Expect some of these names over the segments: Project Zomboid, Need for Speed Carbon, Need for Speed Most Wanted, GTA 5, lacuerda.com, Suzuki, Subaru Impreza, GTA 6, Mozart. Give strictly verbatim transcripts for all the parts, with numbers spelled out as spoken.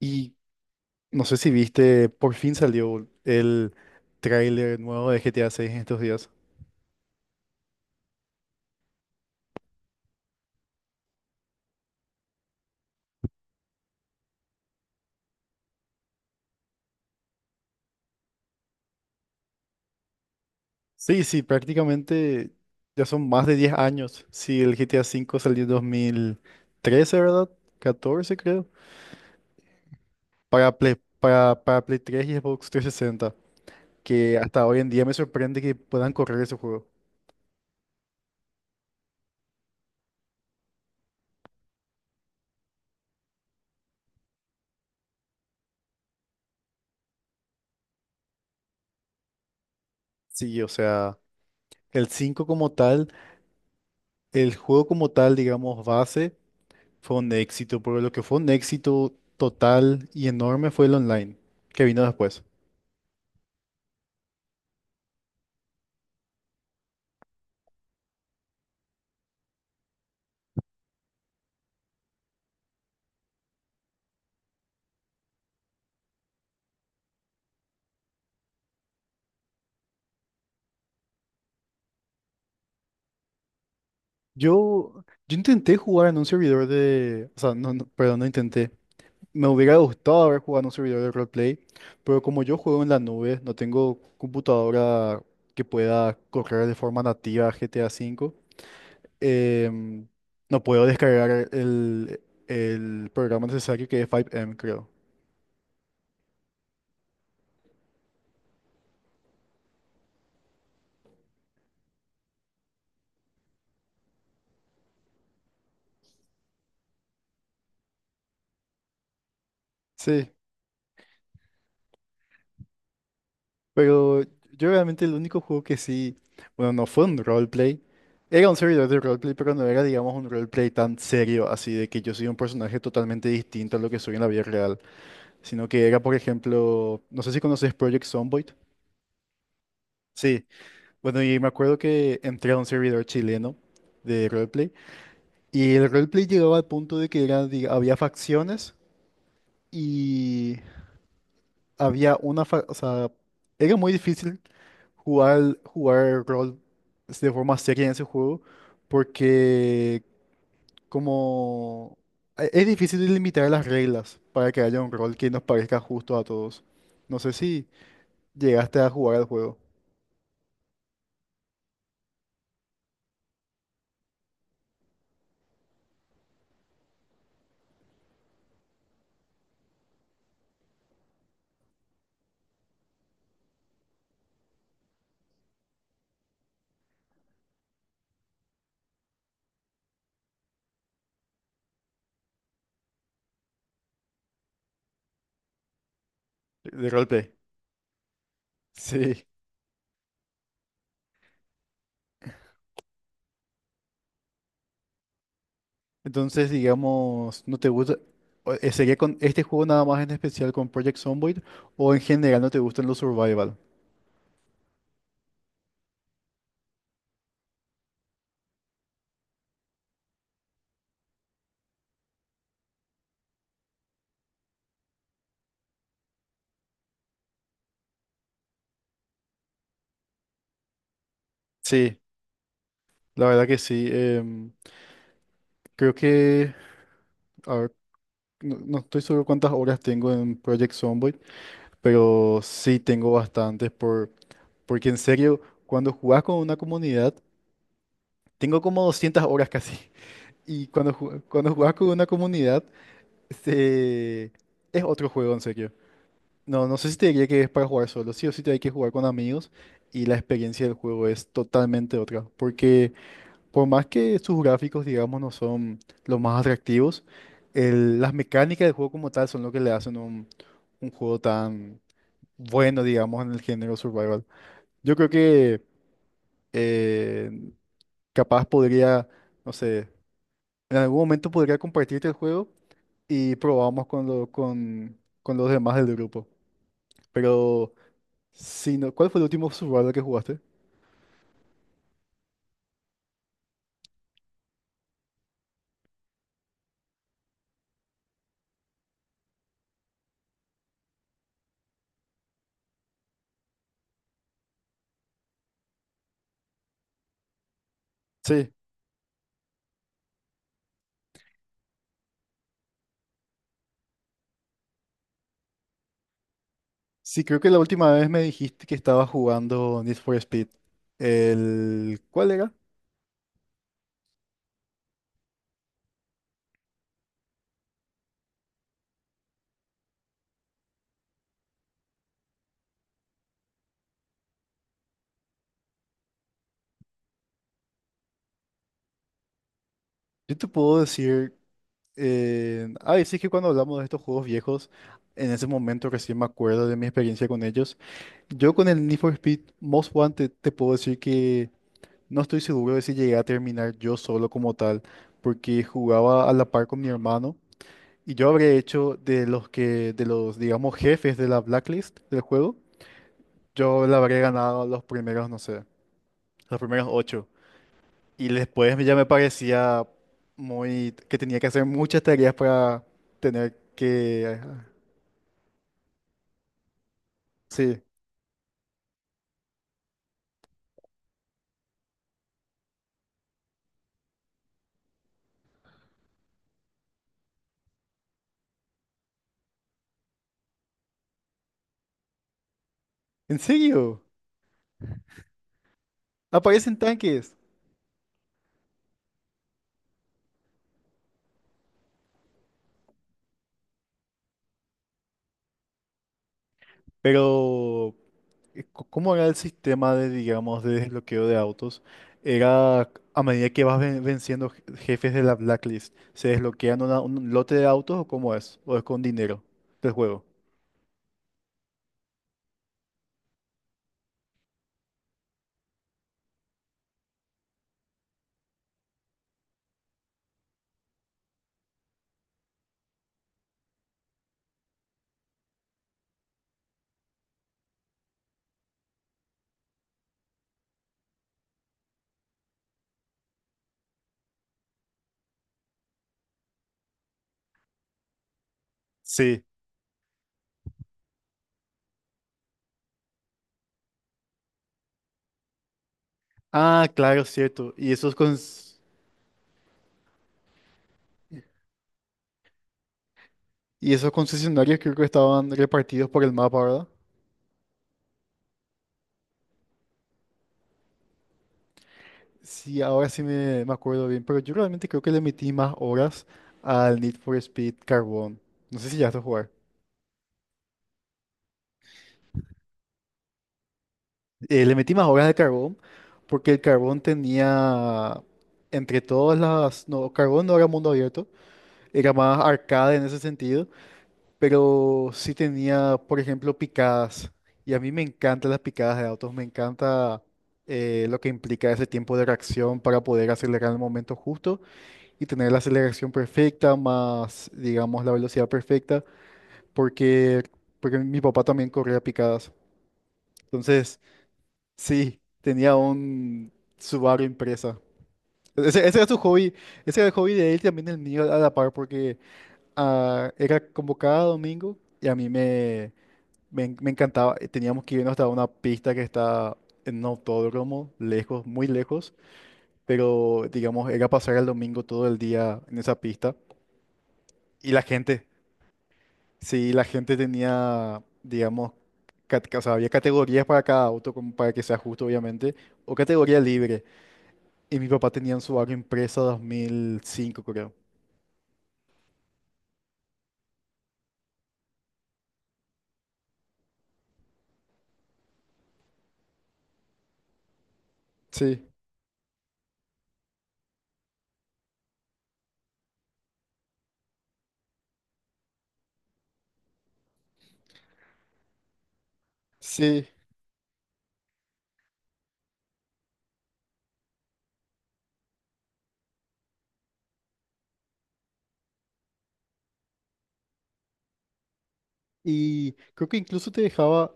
Y no sé si viste, por fin salió el tráiler nuevo de G T A seis en estos días. Sí, sí, prácticamente ya son más de diez años. Sí, el G T A cinco salió en dos mil trece, ¿verdad? Catorce, creo. Para Play, para, para Play tres y Xbox trescientos sesenta. Que hasta hoy en día me sorprende que puedan correr ese juego. Sí, o sea, el cinco como tal, el juego como tal, digamos, base. Fue un éxito, porque lo que fue un éxito total y enorme fue el online, que vino después. Yo, yo intenté jugar en un servidor de... O sea, no, no, perdón, no intenté. Me hubiera gustado haber jugado en un servidor de roleplay, pero como yo juego en la nube, no tengo computadora que pueda correr de forma nativa G T A V, em, no puedo descargar el, el programa necesario que es cinco eme, creo. Sí. Pero yo realmente el único juego que sí, bueno, no fue un roleplay. Era un servidor de roleplay, pero no era, digamos, un roleplay tan serio, así de que yo soy un personaje totalmente distinto a lo que soy en la vida real, sino que era, por ejemplo, no sé si conoces Project Zomboid. Sí, bueno, y me acuerdo que entré a un servidor chileno de roleplay, y el roleplay llegaba al punto de que era, diga- había facciones y había una, fa- o sea, era muy difícil jugar, jugar rol, pues, de forma seria en ese juego, porque como e- es difícil limitar las reglas para que haya un rol que nos parezca justo a todos. No sé si llegaste a jugar al juego de de roleplay. Sí. Entonces, digamos, ¿no te gusta? o- eh, ¿Sería con este juego nada más, en especial con Project Zomboid, o en general no te gustan los survival? Sí, la verdad que sí. em, creo que... A ver, no, no estoy seguro cuántas horas tengo en Project Zomboid, pero sí tengo bastantes por, porque, en serio, cuando jugás con una comunidad, tengo como doscientas horas casi. Y cuando, ju- cuando jugás con una comunidad, se- es otro juego, en serio. No, no sé si te diría que es para jugar solo, sí o sí te hay que jugar con amigos, y la experiencia del juego es totalmente otra. Porque Por más que sus gráficos, digamos, no son los más atractivos, el- las mecánicas del juego como tal son lo que le hacen un, un juego tan bueno, digamos, en el género survival. Yo creo que eh, capaz podría, no sé, en algún momento podría compartirte el juego y probamos con, lo- con, con los demás del grupo. Pero, si no, ¿cuál fue el último survival que jugaste? Sí. Sí, creo que la última vez me dijiste que estabas jugando Need for Speed. El... ¿Cuál era? Yo te puedo decir... Eh... Ah, y sí, que cuando hablamos de estos juegos viejos, en ese momento recién me acuerdo de mi experiencia con ellos. Yo con el Need for Speed Most Wanted te puedo decir que no estoy seguro de si llegué a terminar yo solo como tal, porque jugaba a la par con mi hermano, y yo habré hecho de los que, de los, digamos, jefes de la blacklist del juego. Yo le habré ganado los primeros, no sé, los primeros ocho. Y después ya me parecía muy... que tenía que hacer muchas tareas para tener que... ah. Sí, en serio, aparecen tanques. Pero, eh, co- ¿cómo era el sistema de, digamos, de desbloqueo de autos? Era a medida que vas ven- venciendo je- jefes de la blacklist, ¿se desbloquean una- un lote de autos, o cómo es? ¿O es con dinero del juego? Sí. Ah, claro, cierto. Y esos con... Y esos concesionarios creo que estaban repartidos por el mapa, ¿verdad? Sí, ahora sí me, me acuerdo bien, pero yo realmente creo que le metí más horas al Need for Speed Carbón. No sé si ya a jugar. Eh, le metí más horas de Carbón, porque el Carbón tenía, entre todas las... No, Carbón no era mundo abierto, era más arcade en ese sentido, pero sí tenía, por ejemplo, picadas. Y a mí me encantan las picadas de autos, me encanta eh, lo que implica ese tiempo de reacción para poder acelerar en el momento justo y tener la aceleración perfecta más, digamos, la velocidad perfecta, porque, porque mi papá también corría picadas. Entonces, sí, tenía un Subaru Impreza. Ese, ese era su hobby, ese era el hobby de él, también el mío a la par, porque ah, era como cada domingo, y a mí me... Me, en- me encantaba. eh, Teníamos que irnos hasta una pista que está en un autódromo, lejos, muy lejos, pero, digamos, era pasar el domingo todo el día en esa pista. Y la gente, sí, la gente tenía, digamos, cat- o sea, había categorías para cada auto, como para que sea justo, obviamente, o categoría libre. Y mi papá tenía en su auto Impresa dos mil cinco, creo. Sí, sí. Y creo que incluso te dejaba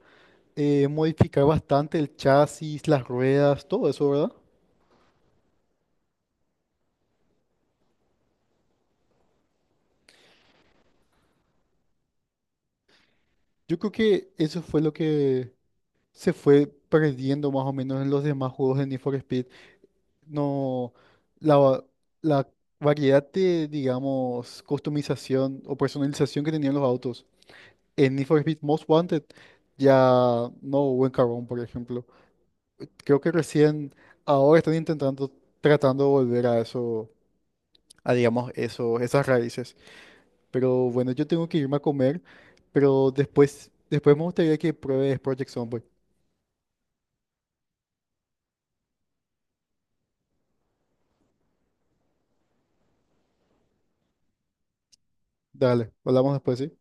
eh, modificar bastante el chasis, las ruedas, todo eso, ¿verdad? Yo creo que eso fue lo que se fue perdiendo más o menos en los demás juegos de Need for Speed. No, la, va- la variedad de, digamos, customización o personalización que tenían los autos. En Need for Speed Most Wanted ya no hubo, en Carbón, por ejemplo. Creo que recién ahora están intentando, tratando de volver a eso, a, digamos, eso, esas raíces. Pero, bueno, yo tengo que irme a comer, pero después, después me gustaría que pruebes Project Zomboid. Dale, hablamos después, ¿sí?